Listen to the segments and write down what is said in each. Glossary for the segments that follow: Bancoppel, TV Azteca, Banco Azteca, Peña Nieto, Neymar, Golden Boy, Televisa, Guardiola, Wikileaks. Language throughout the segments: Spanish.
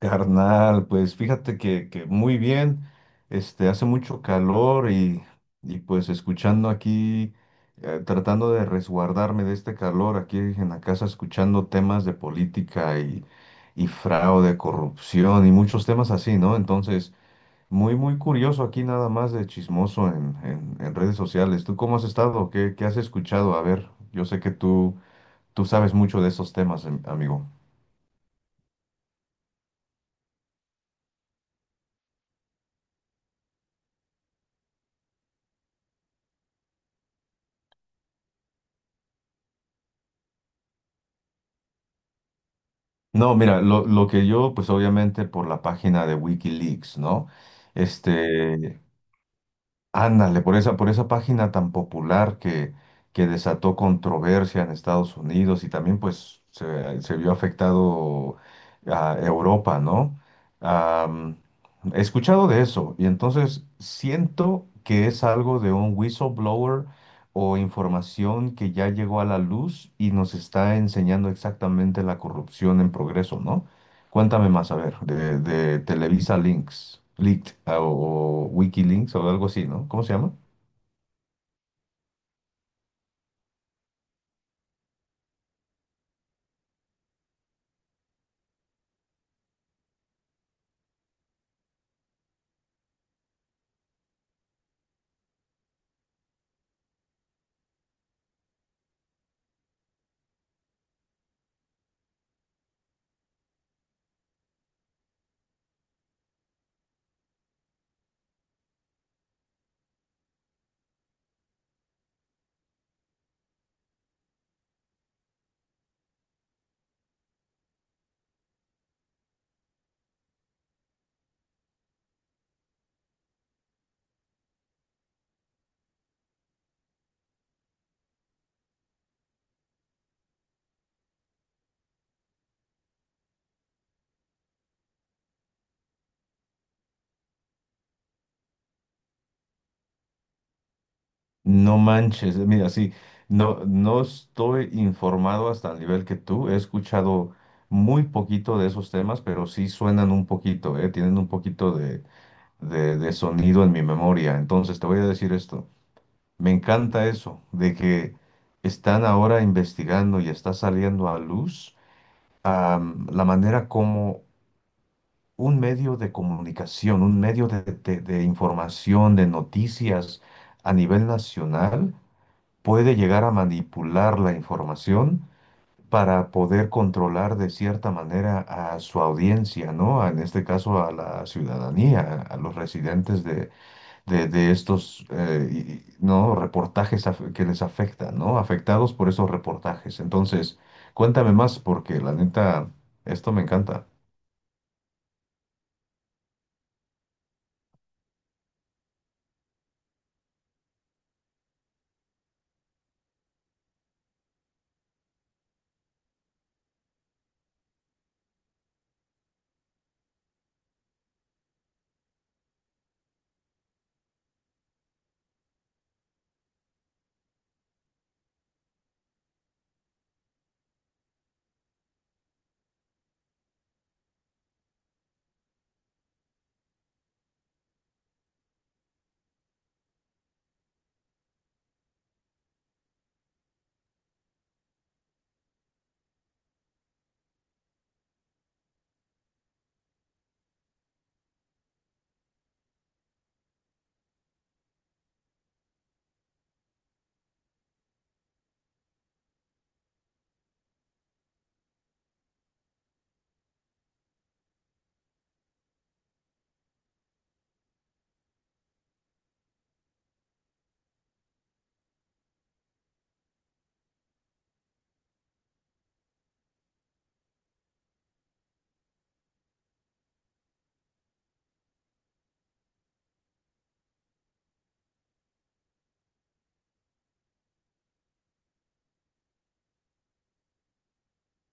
Carnal, pues fíjate que muy bien, hace mucho calor y pues escuchando aquí, tratando de resguardarme de este calor aquí en la casa, escuchando temas de política y fraude, corrupción y muchos temas así, ¿no? Entonces, muy curioso aquí nada más de chismoso en redes sociales. ¿Tú cómo has estado? ¿Qué has escuchado? A ver, yo sé que tú sabes mucho de esos temas, amigo. No, mira, lo que yo, pues obviamente por la página de Wikileaks, ¿no? Este, ándale, por esa página tan popular que desató controversia en Estados Unidos y también pues se vio afectado a Europa, ¿no? Am, he escuchado de eso y entonces siento que es algo de un whistleblower o información que ya llegó a la luz y nos está enseñando exactamente la corrupción en progreso, ¿no? Cuéntame más, a ver, de Televisa Links, Leaked o Wikilinks o algo así, ¿no? ¿Cómo se llama? No manches, mira, sí, no estoy informado hasta el nivel que tú. He escuchado muy poquito de esos temas, pero sí suenan un poquito, ¿eh? Tienen un poquito de sonido en mi memoria. Entonces, te voy a decir esto. Me encanta eso, de que están ahora investigando y está saliendo a luz, la manera como un medio de comunicación, un medio de información, de noticias a nivel nacional, puede llegar a manipular la información para poder controlar de cierta manera a su audiencia, ¿no? En este caso a la ciudadanía, a los residentes de estos, y, ¿no? Que les afectan, ¿no? Afectados por esos reportajes. Entonces, cuéntame más porque la neta, esto me encanta.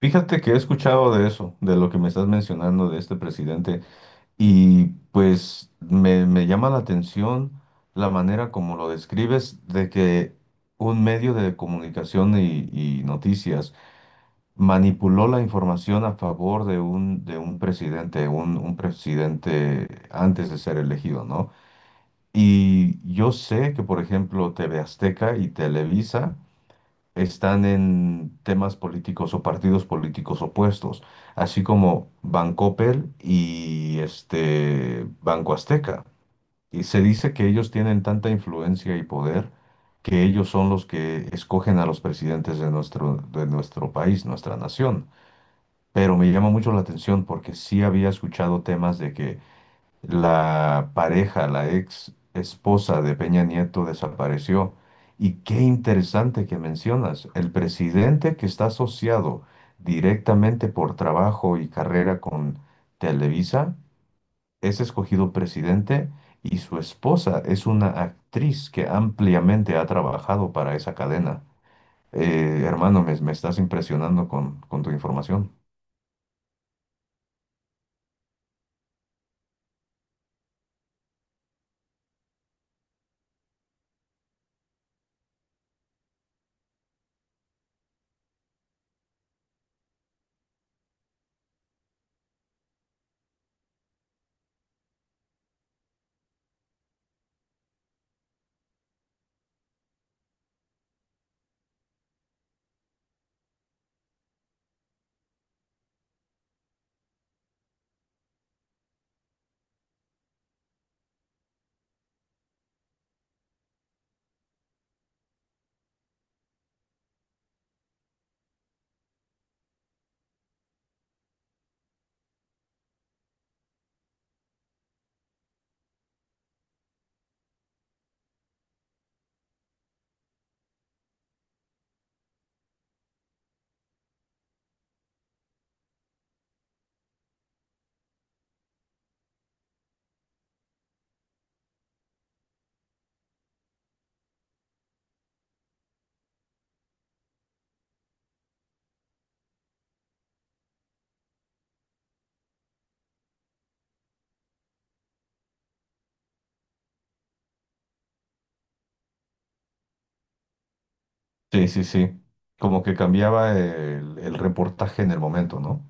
Fíjate que he escuchado de eso, de lo que me estás mencionando de este presidente, y pues me llama la atención la manera como lo describes de que un medio de comunicación y noticias manipuló la información a favor de de un presidente, un presidente antes de ser elegido, ¿no? Y yo sé que, por ejemplo, TV Azteca y Televisa están en temas políticos o partidos políticos opuestos, así como Bancoppel y este Banco Azteca. Y se dice que ellos tienen tanta influencia y poder que ellos son los que escogen a los presidentes de de nuestro país, nuestra nación. Pero me llama mucho la atención porque sí había escuchado temas de que la pareja, la ex esposa de Peña Nieto desapareció. Y qué interesante que mencionas, el presidente que está asociado directamente por trabajo y carrera con Televisa es escogido presidente y su esposa es una actriz que ampliamente ha trabajado para esa cadena. Hermano, me estás impresionando con tu información. Sí, sí, sí. Como que cambiaba el reportaje en el momento, ¿no?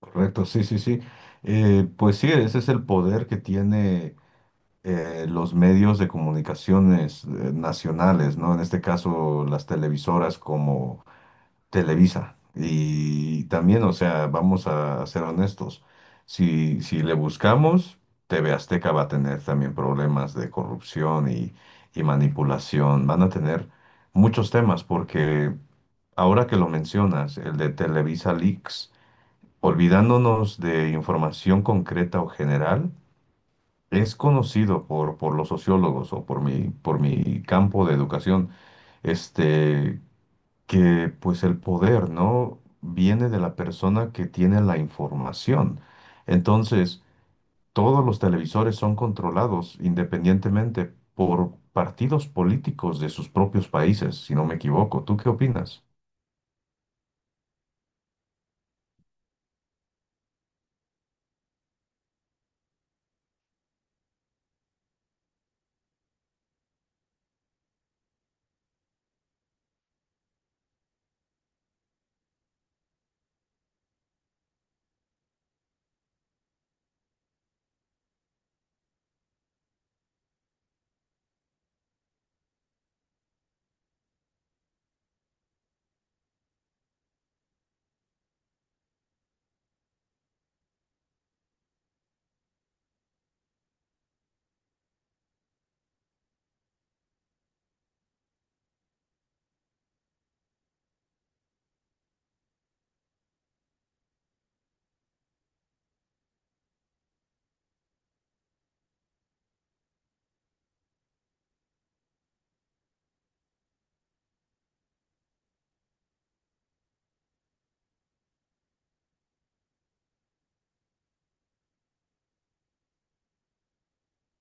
Correcto, sí, sí, sí. Pues sí, ese es el poder que tiene los medios de comunicaciones nacionales, ¿no? En este caso, las televisoras como Televisa. Y también, o sea, vamos a, ser honestos, si le buscamos, TV Azteca va a tener también problemas de corrupción y manipulación. Van a tener muchos temas porque ahora que lo mencionas, el de Televisa Leaks. Olvidándonos de información concreta o general, es conocido por los sociólogos o por mi campo de educación, este, que pues el poder, ¿no? viene de la persona que tiene la información. Entonces, todos los televisores son controlados independientemente por partidos políticos de sus propios países, si no me equivoco. ¿Tú qué opinas?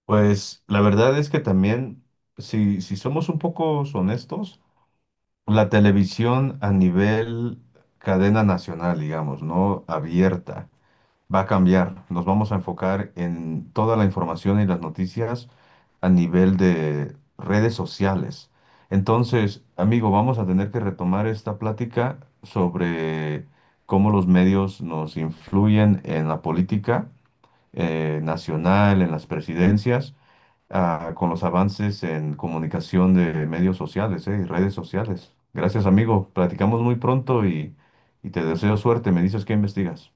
Pues la verdad es que también, si somos un poco honestos, la televisión a nivel cadena nacional, digamos, ¿no? Abierta, va a cambiar. Nos vamos a enfocar en toda la información y las noticias a nivel de redes sociales. Entonces, amigo, vamos a tener que retomar esta plática sobre cómo los medios nos influyen en la política nacional, en las presidencias ah, con los avances en comunicación de medios sociales, y redes sociales. Gracias, amigo. Platicamos muy pronto y te deseo suerte. Me dices qué investigas.